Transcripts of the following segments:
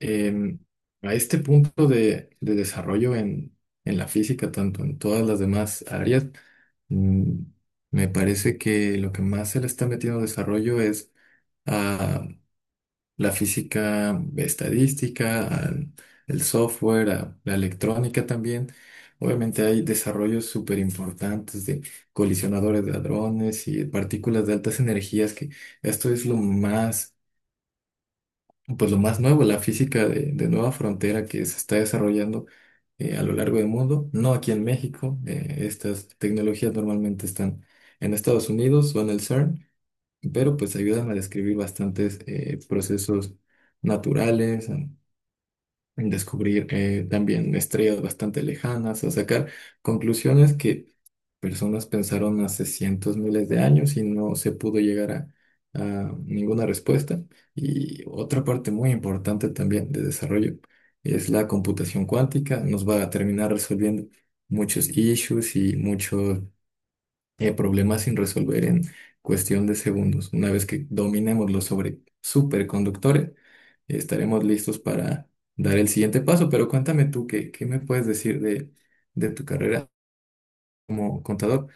em, a este punto de desarrollo en la física, tanto en todas las demás áreas, mm, me parece que lo que más se le está metiendo desarrollo es a la física estadística, al el software, a la electrónica también. Obviamente hay desarrollos súper importantes de colisionadores de hadrones y partículas de altas energías, que esto es lo más pues lo más nuevo, la física de nueva frontera que se está desarrollando a lo largo del mundo, no aquí en México. Estas tecnologías normalmente están en Estados Unidos o en el CERN, pero pues ayudan a describir bastantes procesos naturales, en descubrir también estrellas bastante lejanas, o sacar conclusiones que personas pensaron hace cientos, miles de años y no se pudo llegar a ninguna respuesta. Y otra parte muy importante también de desarrollo es la computación cuántica, nos va a terminar resolviendo muchos issues y muchos problemas sin resolver en cuestión de segundos. Una vez que dominemos los sobre superconductores, estaremos listos para dar el siguiente paso. Pero cuéntame tú, ¿qué me puedes decir de tu carrera como contador?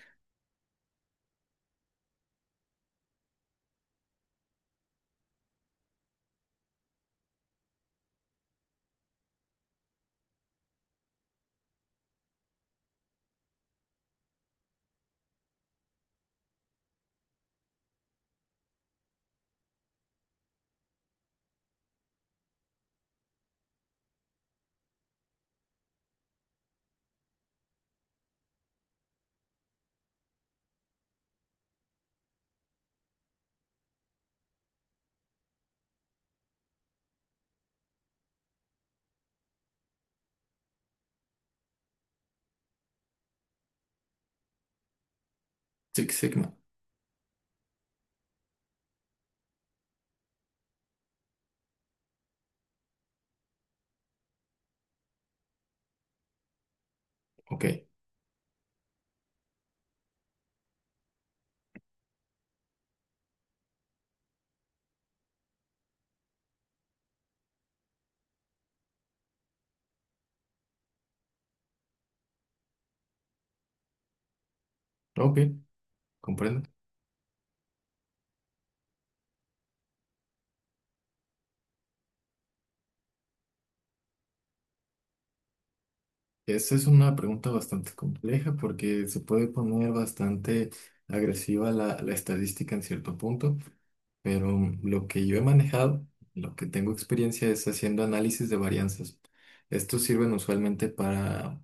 Six Sigma. Ok, ok, comprendo. Esa es una pregunta bastante compleja porque se puede poner bastante agresiva la estadística en cierto punto. Pero lo que yo he manejado, lo que tengo experiencia es haciendo análisis de varianzas. Estos sirven usualmente para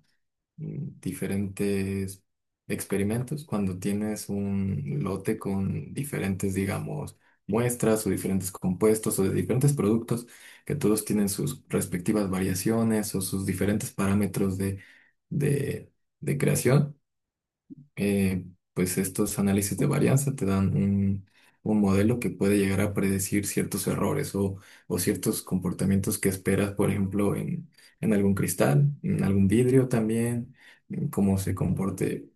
diferentes experimentos, cuando tienes un lote con diferentes, digamos, muestras o diferentes compuestos o de diferentes productos que todos tienen sus respectivas variaciones o sus diferentes parámetros de de creación. eh, pues estos análisis de varianza te dan un modelo que puede llegar a predecir ciertos errores o ciertos comportamientos que esperas, por ejemplo, en algún cristal, en algún vidrio también, en cómo se comporte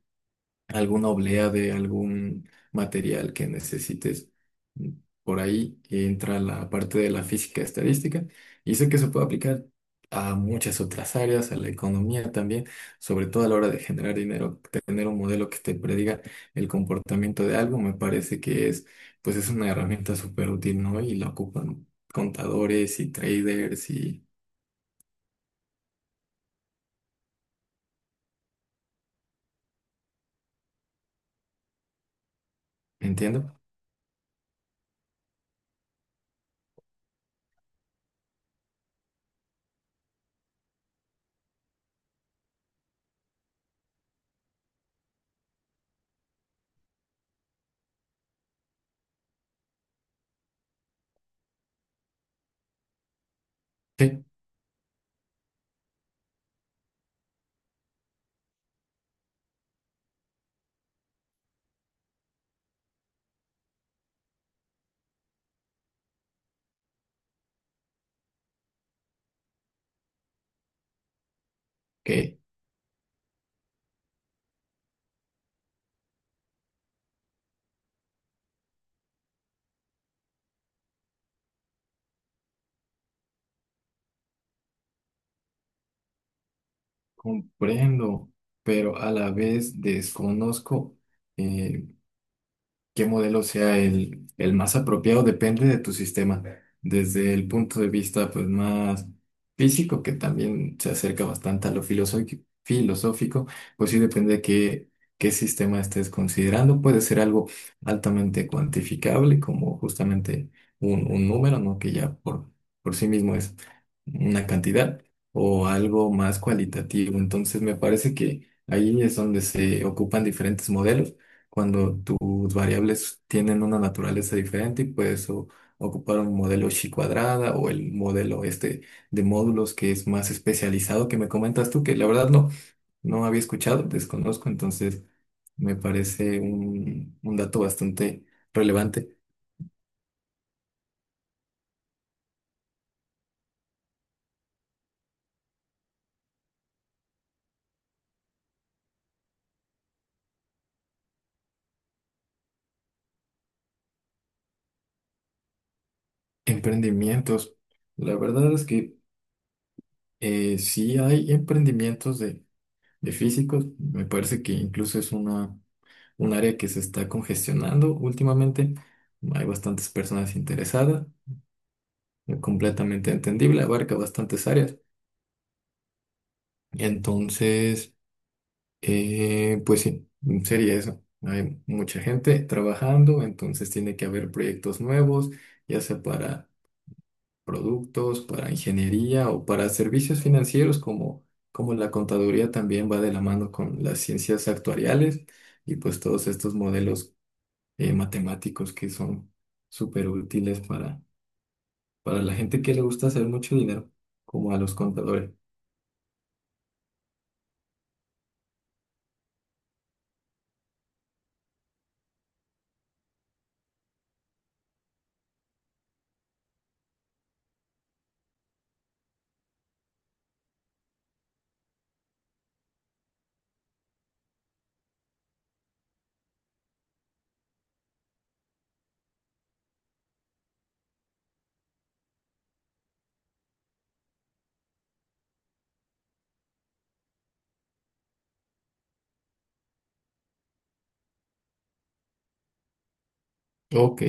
alguna oblea de algún material que necesites. mm, Por ahí entra la parte de la física estadística y sé que se puede aplicar a muchas otras áreas, a la economía también, sobre todo a la hora de generar dinero, tener un modelo que te prediga el comportamiento de algo, me parece que es, pues es una herramienta súper útil, ¿no? Y la ocupan contadores y traders y ¿entiendo? Sí, ok. Comprendo, pero a la vez desconozco, eh, qué modelo sea el más apropiado depende de tu sistema. Desde el punto de vista pues más físico, que también se acerca bastante a lo filosófico, filosófico, pues sí depende de qué sistema estés considerando. Puede ser algo altamente cuantificable, como justamente un número, ¿no? Que ya por sí mismo es una cantidad, o algo más cualitativo. Entonces me parece que ahí es donde se ocupan diferentes modelos cuando sus variables tienen una naturaleza diferente y puedes ocupar un modelo chi cuadrada o el modelo este de módulos que es más especializado que me comentas tú, que la verdad no, no había escuchado, desconozco, entonces me parece un dato bastante relevante. Emprendimientos. La verdad es que sí hay emprendimientos de físicos, me parece que incluso es un área que se está congestionando últimamente. Hay bastantes personas interesadas. Completamente entendible, abarca bastantes áreas. Entonces, pues sí, sería eso. Hay mucha gente trabajando, entonces tiene que haber proyectos nuevos, ya sea para productos, para ingeniería o para servicios financieros, como, como la contaduría también va de la mano con las ciencias actuariales y pues todos estos modelos matemáticos que son súper útiles para la gente que le gusta hacer mucho dinero, como a los contadores. Ok.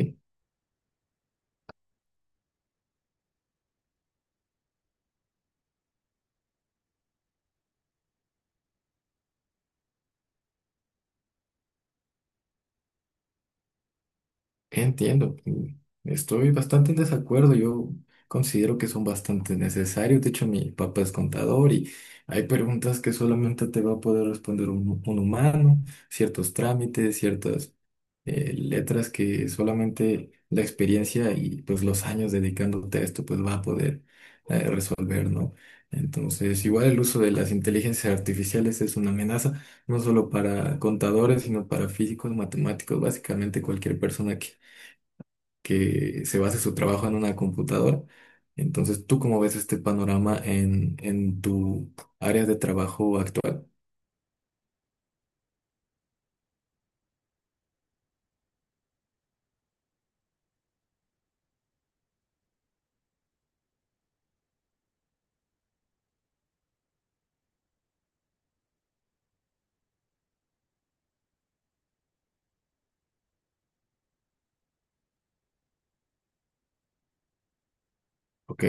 Entiendo, estoy bastante en desacuerdo, yo considero que son bastante necesarios, de hecho mi papá es contador y hay preguntas que solamente te va a poder responder un humano, ciertos trámites, ciertas letras que solamente la experiencia y pues los años dedicándote a esto pues va a poder resolver, ¿no? Entonces, igual el uso de las inteligencias artificiales es una amenaza no solo para contadores, sino para físicos, matemáticos, básicamente cualquier persona que se base su trabajo en una computadora. Entonces, ¿tú cómo ves este panorama en tu área de trabajo actual? Ok,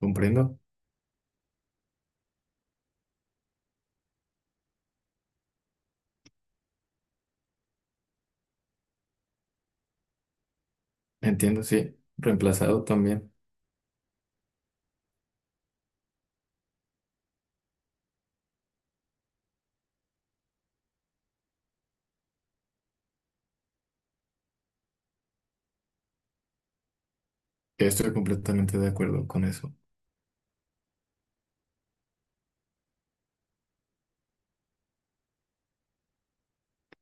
comprendo, entiendo, sí, reemplazado también. Estoy completamente de acuerdo con eso.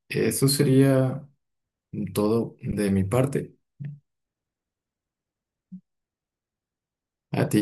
Eso sería todo de mi parte. A ti.